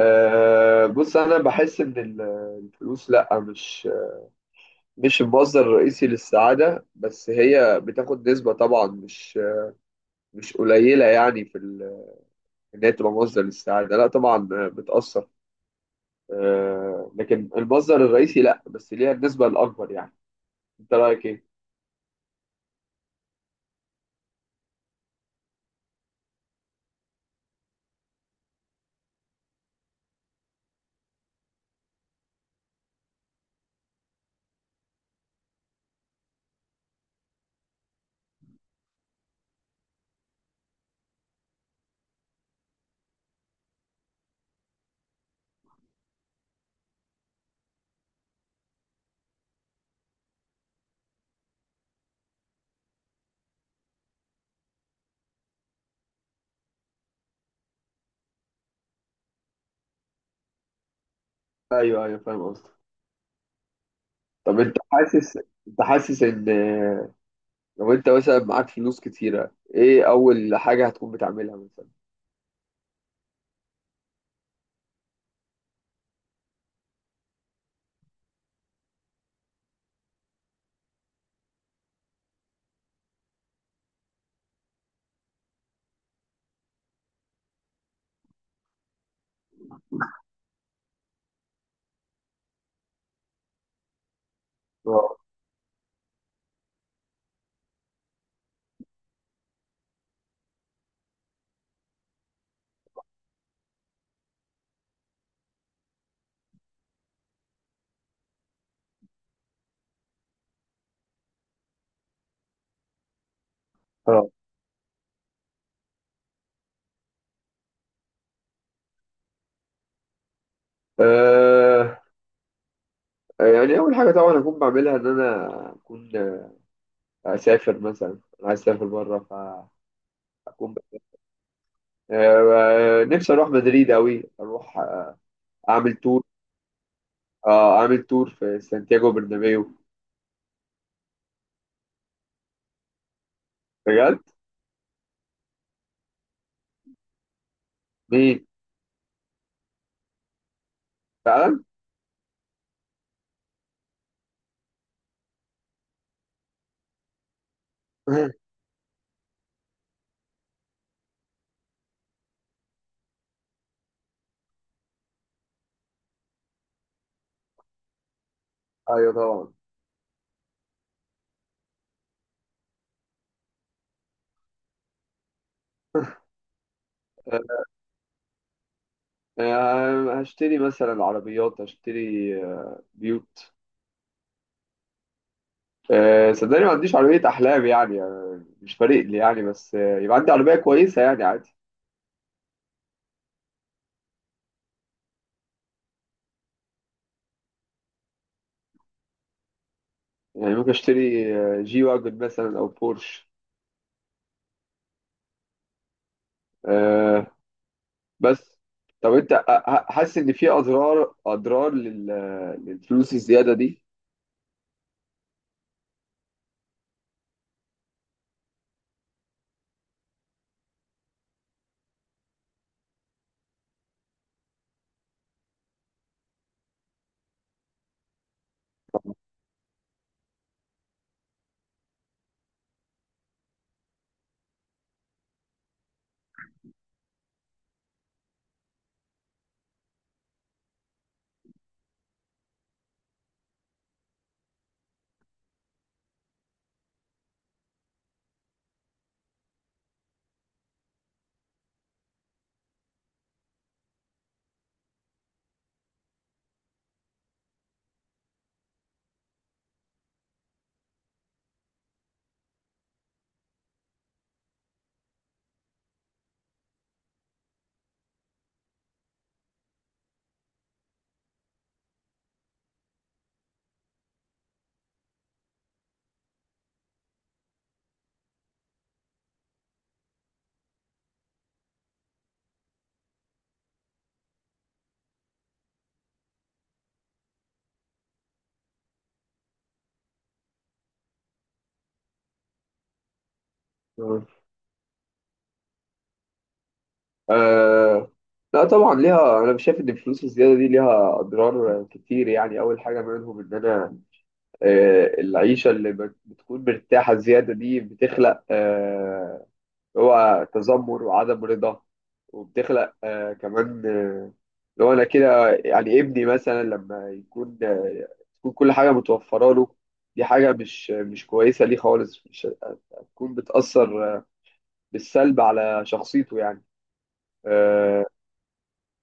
بص انا بحس ان الفلوس لا مش المصدر الرئيسي للسعاده، بس هي بتاخد نسبه طبعا مش قليله، يعني ان هي تبقى مصدر للسعاده لا طبعا، بتاثر. لكن المصدر الرئيسي لا، بس ليها النسبه الاكبر يعني. انت رايك ايه؟ ايوه ايوه، فاهم قصدك. طب انت حاسس، انت حاسس ان لو انت مثلا معاك فلوس كتيره ايه اول حاجه هتكون بتعملها مثلا؟ اه اه يعني أول حاجة طبعا أكون بعملها إن أنا أكون أسافر مثلا. أنا عايز أسافر بره. فأكون، نفسي أروح مدريد أوي. أروح أعمل تور، أعمل تور في سانتياغو برنابيو. بجد؟ مين؟ فعلا؟ أيوه طبعا. هشتري مثلا عربيات، هشتري بيوت. صدقني ما عنديش عربية أحلام يعني، مش فارق لي يعني، بس يبقى عندي عربية كويسة يعني عادي. يعني ممكن أشتري جي واجن مثلا أو بورش. آه. بس طب انت حاسس ان في اضرار، للفلوس الزياده دي؟ مم. آه لا طبعا ليها، انا مش شايف ان الفلوس الزياده دي ليها اضرار كتير. يعني اول حاجه منهم ان انا، آه العيشه اللي بتكون مرتاحه زياده دي بتخلق آه هو تذمر وعدم رضا، وبتخلق آه كمان، اللي هو انا كده يعني ابني مثلا لما يكون تكون كل حاجه متوفره له، دي حاجه مش كويسه ليه خالص. مش هتكون بتاثر بالسلب على شخصيته يعني. آه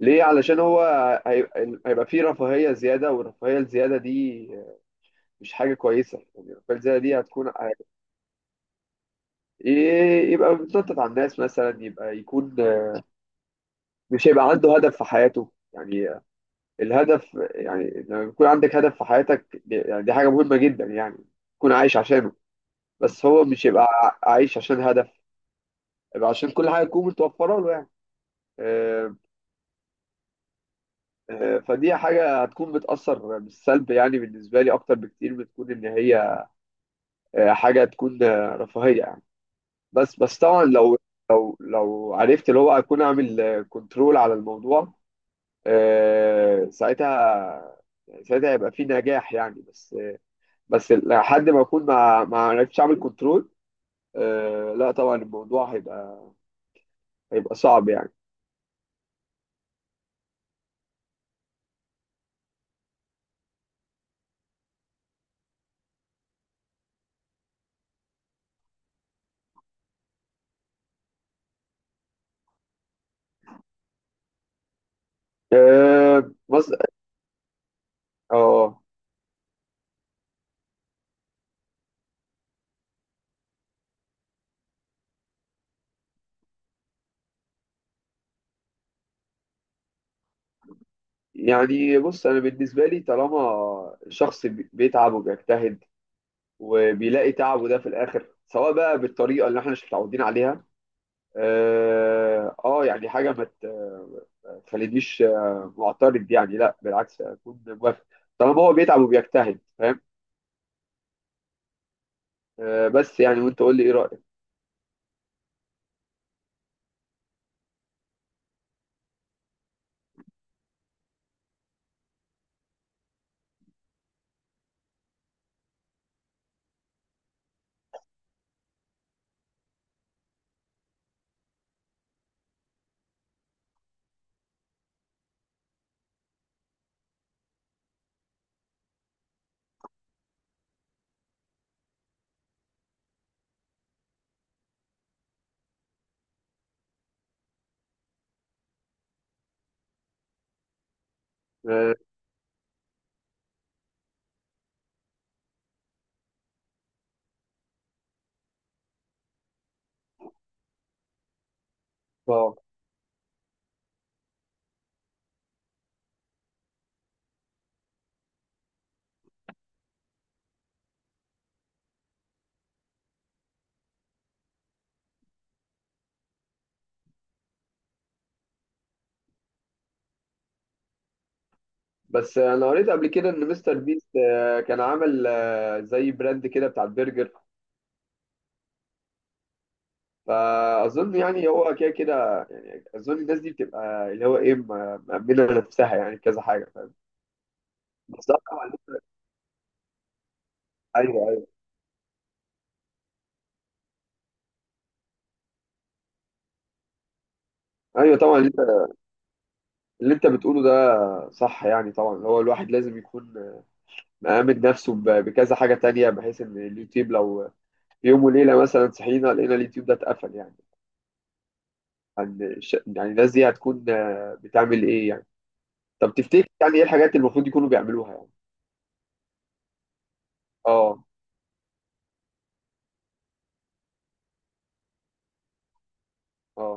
ليه؟ علشان هو هيبقى فيه رفاهيه زياده، والرفاهيه الزياده دي مش حاجه كويسه، يعني الرفاهيه الزياده دي هتكون يبقى بيتنطط على الناس مثلا، يبقى يكون مش هيبقى عنده هدف في حياته يعني. الهدف، يعني لما بيكون عندك هدف في حياتك يعني دي حاجة مهمة جدا يعني، تكون عايش عشانه. بس هو مش يبقى عايش عشان هدف، يبقى عشان كل حاجة تكون متوفرة له يعني. آه، فدي حاجة هتكون بتأثر بالسلب، يعني بالنسبة لي أكتر بكتير من تكون إن هي حاجة تكون رفاهية يعني. بس طبعا لو لو عرفت اللي هو أكون أعمل كنترول على الموضوع، آه، ساعتها ساعتها هيبقى في نجاح يعني. بس لحد ما اكون ما عرفتش اعمل كنترول، لا طبعا الموضوع هيبقى صعب يعني. آه بص اه يعني بص، انا بالنسبه لي طالما شخص بيتعب وبيجتهد، وبيلاقي تعبه ده في الاخر، سواء بقى بالطريقه اللي احنا مش متعودين عليها، يعني حاجه ما تخلينيش معترض يعني، لا بالعكس اكون موافق، طالما هو بيتعب وبيجتهد. فاهم؟ بس يعني وانت قول لي ايه رايك. اه آه. بس انا قريت قبل كده ان مستر بيست كان عامل زي براند كده بتاع البرجر، فاظن يعني هو كده كده، يعني اظن الناس دي بتبقى اللي هو ايه مأمنه نفسها يعني كذا حاجه. بس طبعا. ايوه ايوه. ايوه طبعا، اللي انت بتقوله ده صح يعني. طبعا هو الواحد لازم يكون مأمن نفسه بكذا حاجه تانية، بحيث ان اليوتيوب لو في يوم وليله مثلا صحينا لقينا اليوتيوب ده اتقفل يعني، يعني الناس دي هتكون بتعمل ايه يعني. طب تفتكر يعني ايه الحاجات اللي المفروض يكونوا بيعملوها يعني؟ اه اه